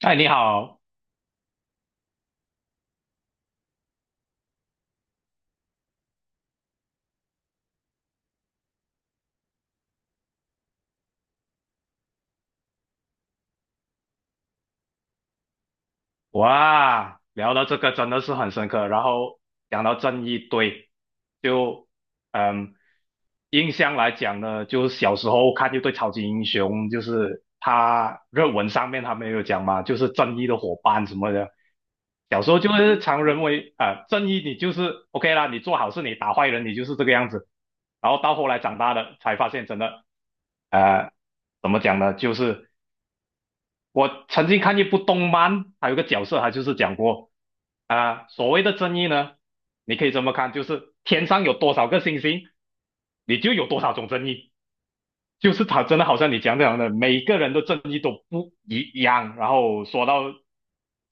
哎，你好。哇，聊到这个真的是很深刻，然后讲到正义，对，就嗯，印象来讲呢，就是小时候看一对超级英雄，就是他热文上面他们有讲嘛，就是正义的伙伴什么的，小时候就是常认为正义你就是 OK 啦，你做好事，你打坏人，你就是这个样子，然后到后来长大了才发现，真的呃，怎么讲呢，就是。我曾经看一部动漫，还有一个角色，他就是讲过所谓的正义呢，你可以这么看，就是天上有多少个星星，你就有多少种正义。就是他真的好像你讲这样的，每个人的正义都不一样。然后说到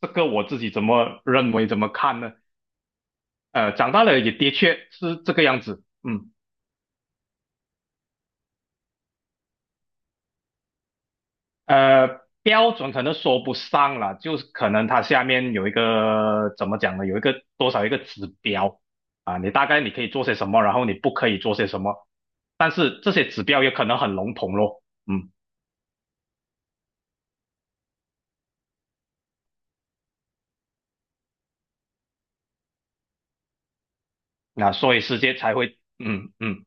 这个，我自己怎么认为，怎么看呢？长大了也的确是这个样子，嗯。标准可能说不上了，就是可能它下面有一个怎么讲呢？有一个多少一个指标啊，你大概你可以做些什么，然后你不可以做些什么，但是这些指标也可能很笼统咯，嗯，那所以世界才会，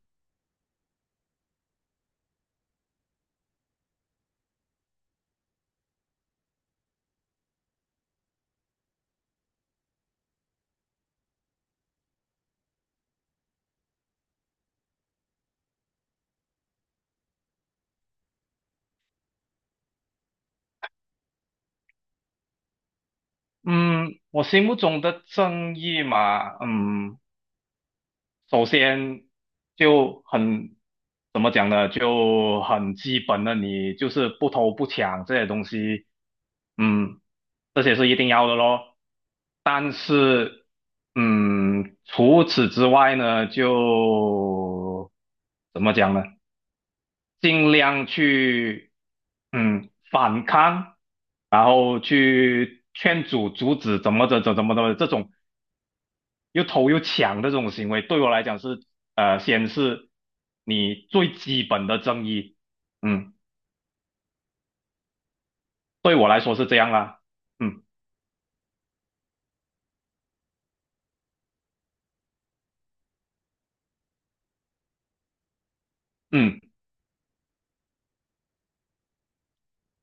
嗯，我心目中的正义嘛，嗯。首先就很怎么讲呢，就很基本的，你就是不偷不抢这些东西，嗯，这些是一定要的咯。但是，嗯，除此之外呢，就怎么讲呢，尽量去反抗，然后去劝阻、阻止，怎么着、怎怎么怎么这种。又偷又抢的这种行为，对我来讲是先是你最基本的正义，嗯，对我来说是这样啦，嗯嗯，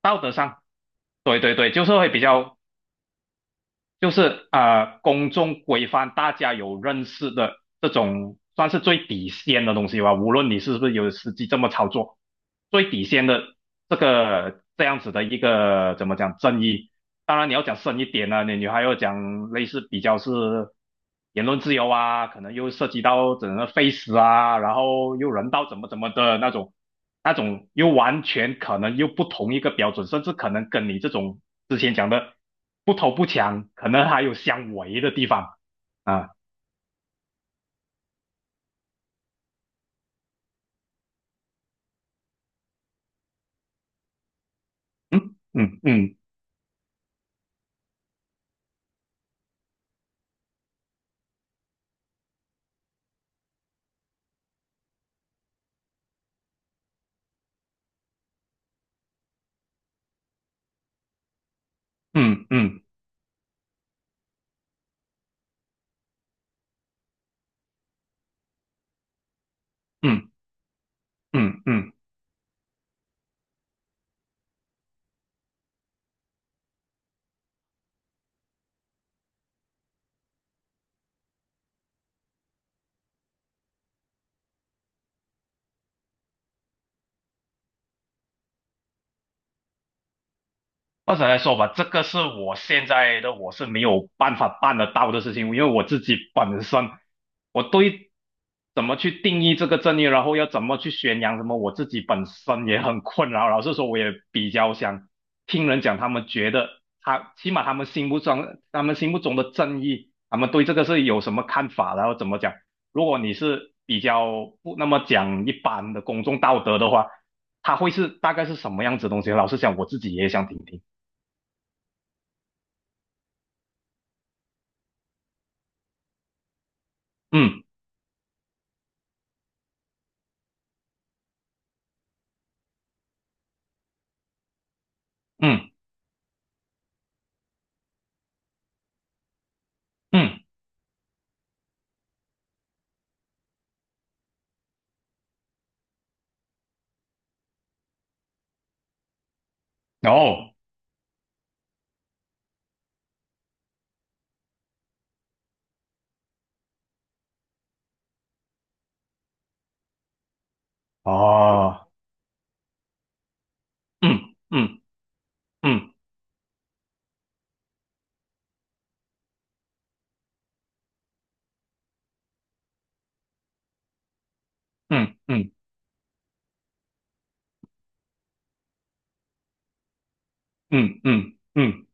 道德上，对对对，就是会比较，就是公众规范大家有认识的这种，算是最底线的东西吧，无论你是不是有实际这么操作，最底线的这个这样子的一个怎么讲正义。当然你要讲深一点呢啊，你还要讲类似比较是言论自由啊，可能又涉及到整个 face 啊，然后又人道怎么怎么的那种，那种又完全可能又不同一个标准，甚至可能跟你这种之前讲的不偷不抢，可能还有相违的地方啊，嗯嗯嗯嗯嗯嗯嗯。嗯嗯或者来说吧，这个是我现在的我是没有办法办得到的事情，因为我自己本身我对怎么去定义这个正义，然后要怎么去宣扬什么，我自己本身也很困扰。老实说，我也比较想听人讲，他们觉得他起码他们心目中的正义，他们对这个是有什么看法，然后怎么讲。如果你是比较不那么讲一般的公众道德的话，他会是大概是什么样子的东西？老实讲，我自己也想听听。嗯嗯嗯，哦，哦，嗯嗯嗯嗯嗯嗯嗯嗯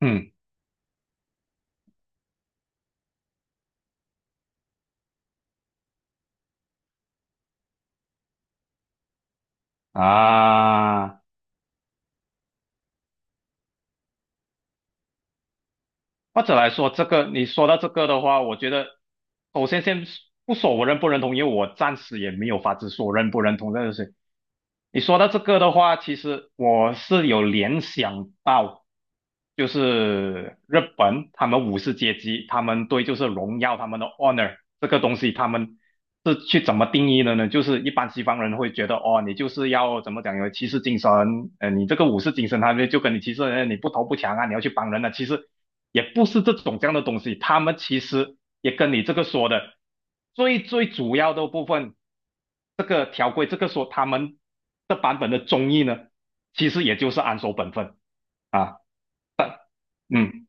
嗯啊，或者来说，这个你说到这个的话，我觉得首先先不说我认不认同，因为我暂时也没有法子说认不认同这个事情。你说到这个的话，其实我是有联想到，就是日本他们武士阶级，他们对就是荣耀他们的 honor 这个东西，他们是去怎么定义的呢？就是一般西方人会觉得，哦，你就是要怎么讲，有骑士精神，你这个武士精神，他们就跟你骑士，你不投不抢啊，你要去帮人啊，其实也不是这种这样的东西，他们其实也跟你这个说的最主要的部分。这个条规，这个说他们的版本的中译呢，其实也就是安守本分啊，嗯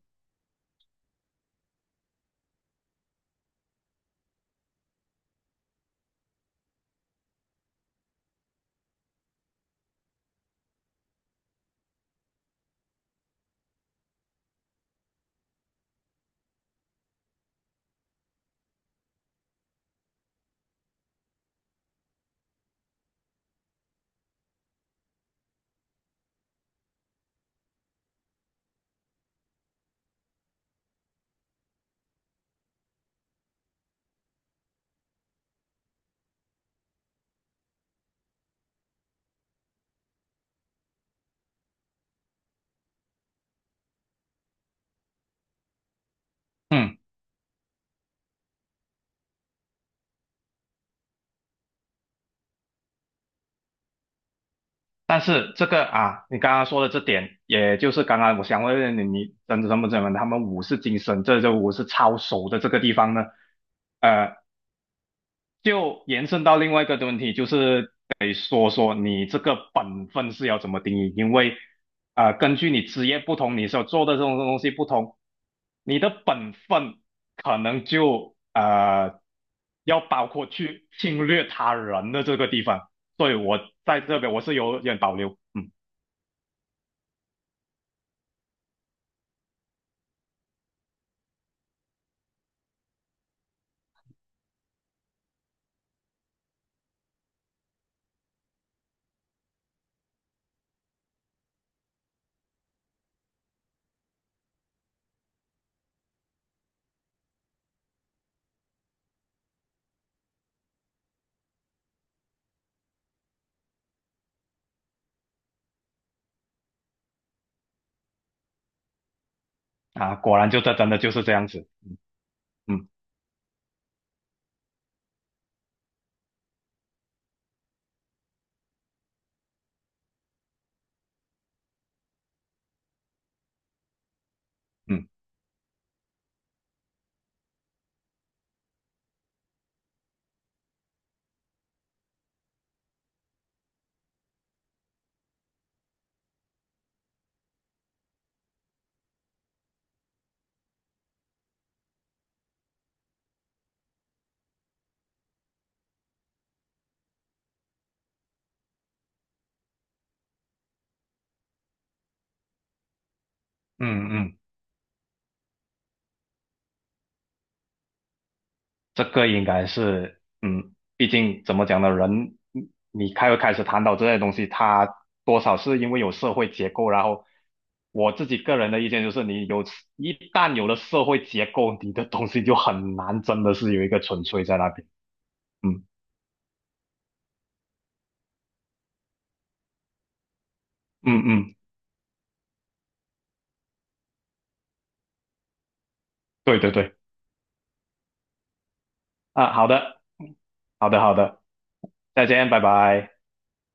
嗯。但是这个啊，你刚刚说的这点，也就是刚刚我想问你，你真的怎么怎么，他们武士精神，这就武士操守的这个地方呢？呃，就延伸到另外一个的问题，就是得说说你这个本分是要怎么定义，因为根据你职业不同，你所做的这种东西不同，你的本分可能就要包括去侵略他人的这个地方，所以我在这边我是有点保留，嗯啊，果然就这真的就是这样子，嗯嗯嗯嗯。这个应该是，嗯，毕竟怎么讲呢，人你开始谈到这些东西，它多少是因为有社会结构，然后我自己个人的意见就是，一旦有了社会结构，你的东西就很难真的是有一个纯粹在那边。嗯嗯嗯，对对对，啊，好的，好的好的，再见，拜拜。